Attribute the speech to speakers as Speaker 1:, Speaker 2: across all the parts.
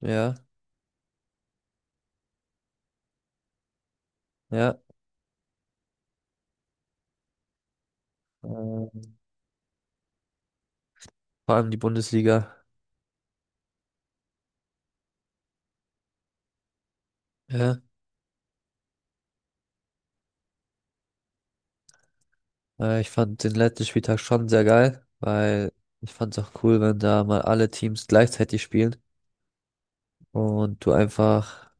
Speaker 1: Ja, ja. Ähm, Vor allem die Bundesliga. Ja. Ich fand den letzten Spieltag schon sehr geil, weil ich fand es auch cool, wenn da mal alle Teams gleichzeitig spielen und du einfach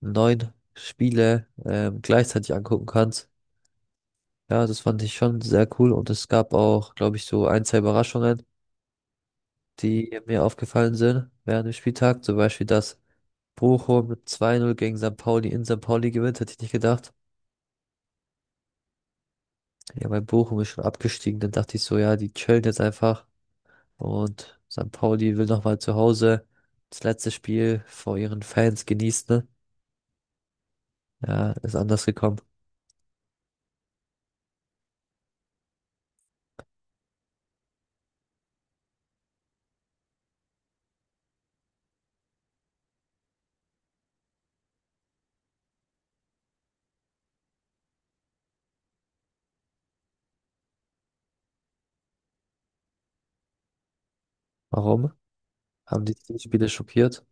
Speaker 1: neun Spiele gleichzeitig angucken kannst. Ja, das fand ich schon sehr cool und es gab auch, glaube ich, so ein, zwei Überraschungen, die mir aufgefallen sind während dem Spieltag. Zum Beispiel, dass Bochum mit 2:0 gegen St. Pauli in St. Pauli gewinnt, hätte ich nicht gedacht. Ja, weil Bochum ist schon abgestiegen. Dann dachte ich so, ja, die chillen jetzt einfach. Und St. Pauli will nochmal zu Hause das letzte Spiel vor ihren Fans genießen. Ne? Ja, ist anders gekommen. Warum? Haben die die Spiele schockiert?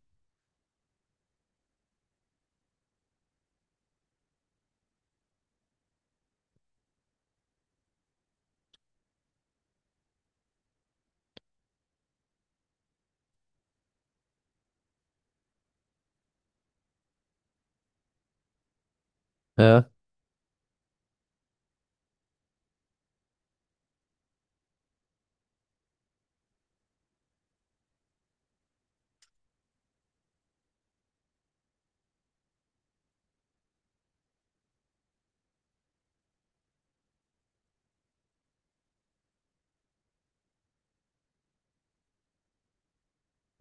Speaker 1: Ja,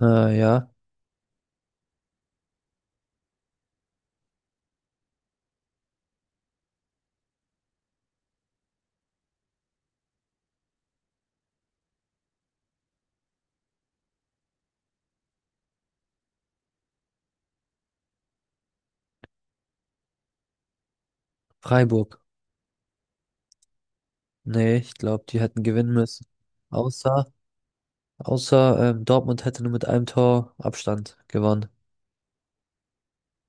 Speaker 1: ja. Freiburg. Nee, ich glaube, die hätten gewinnen müssen. Außer, außer Dortmund hätte nur mit einem Tor Abstand gewonnen.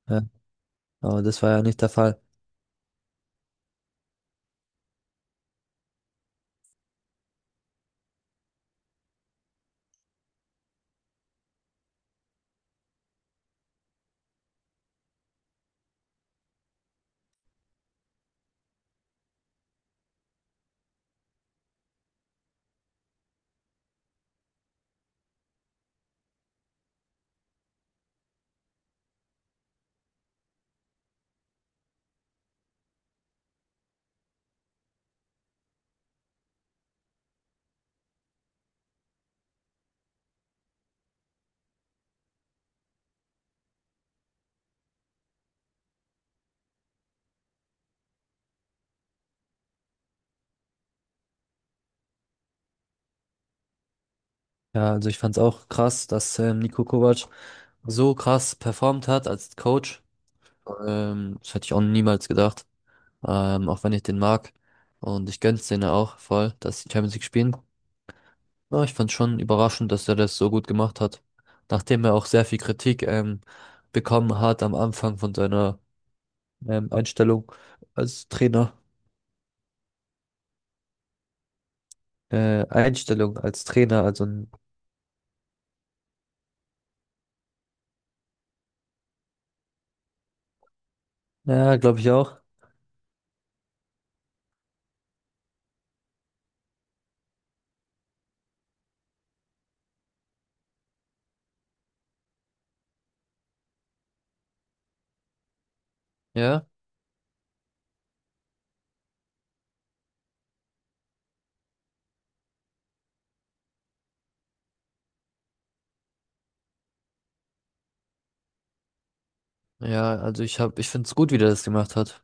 Speaker 1: Ja, aber das war ja nicht der Fall. Ja, also ich fand es auch krass, dass Niko Kovac so krass performt hat als Coach. Das hätte ich auch niemals gedacht. Auch wenn ich den mag. Und ich gönn's denen auch voll, dass die Champions League spielen. Aber ich fand's schon überraschend, dass er das so gut gemacht hat. Nachdem er auch sehr viel Kritik bekommen hat am Anfang von seiner Einstellung als Trainer. Einstellung als Trainer, also ein, ja, glaube ich auch. Ja, ja, also ich find's gut, wie der das gemacht hat.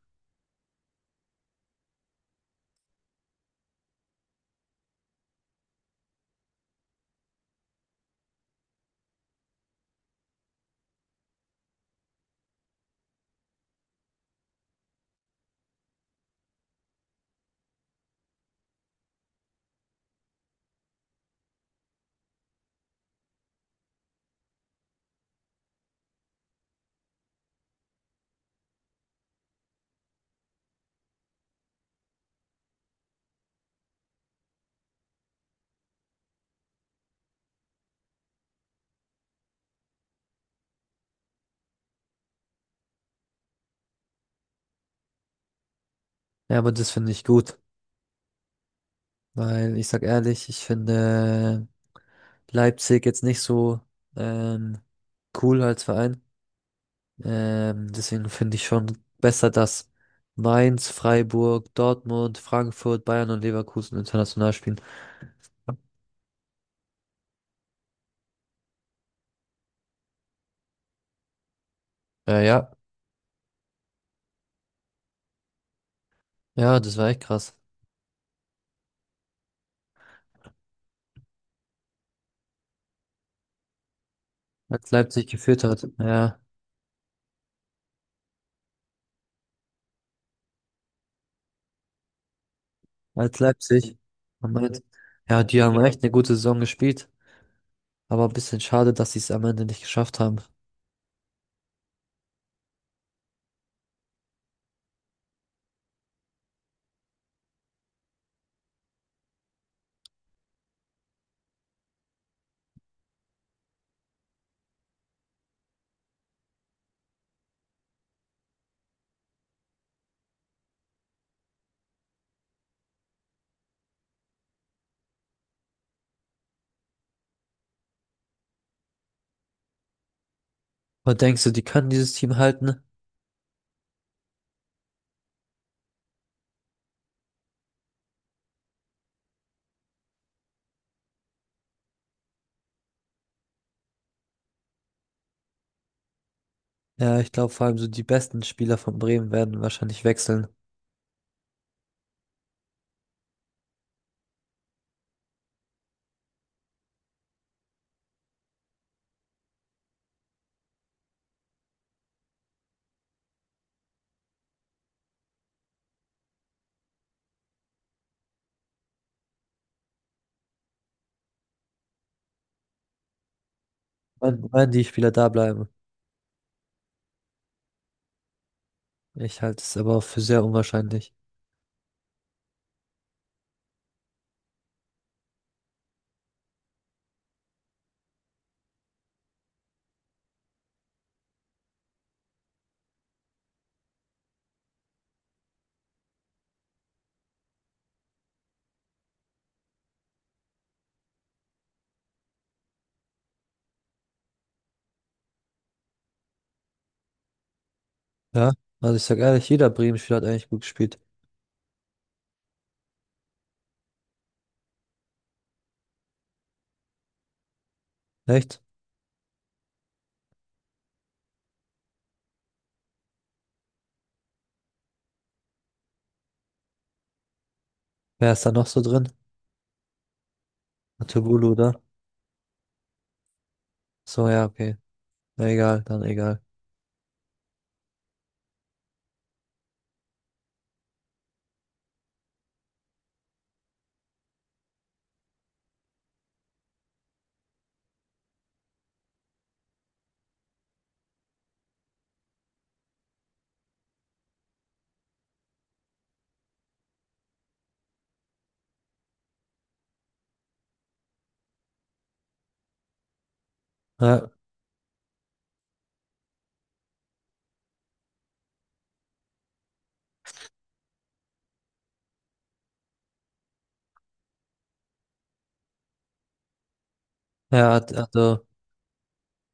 Speaker 1: Ja, aber das finde ich gut. Weil ich sag ehrlich, ich finde Leipzig jetzt nicht so ähm, cool als Verein. Deswegen finde ich schon besser, dass Mainz, Freiburg, Dortmund, Frankfurt, Bayern und Leverkusen international spielen. Ja, ja, das war echt krass. Als Leipzig geführt hat. Ja, als Leipzig. am Ende- Ja, die haben echt eine gute Saison gespielt. Aber ein bisschen schade, dass sie es am Ende nicht geschafft haben. Und denkst du, die können dieses Team halten? Ja, ich glaube vor allem so die besten Spieler von Bremen werden wahrscheinlich wechseln. Wenn die Spieler da bleiben. Ich halte es aber auch für sehr unwahrscheinlich. Ja, also ich sag ehrlich, jeder Bremen-Spieler hat eigentlich gut gespielt. Echt? Wer ist da noch so drin? Atubulu, oder? So, ja, okay. Na, egal, dann egal. Ja, ja, hat- also,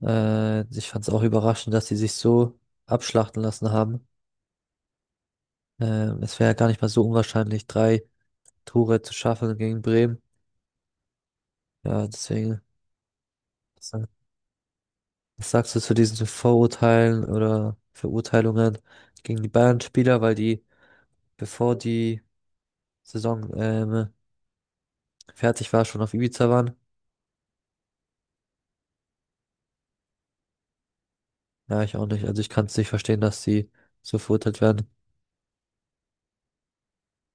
Speaker 1: äh, ich fand es auch überraschend, dass sie sich so abschlachten lassen haben. Es wäre ja gar nicht mal so unwahrscheinlich, drei Tore zu schaffen gegen Bremen. Ja, deswegen. Was sagst du zu diesen Vorurteilen oder Verurteilungen gegen die Bayern-Spieler, weil die, bevor die Saison fertig war, schon auf Ibiza waren? Ja, ich auch nicht. Also ich kann es nicht verstehen, dass sie so verurteilt werden.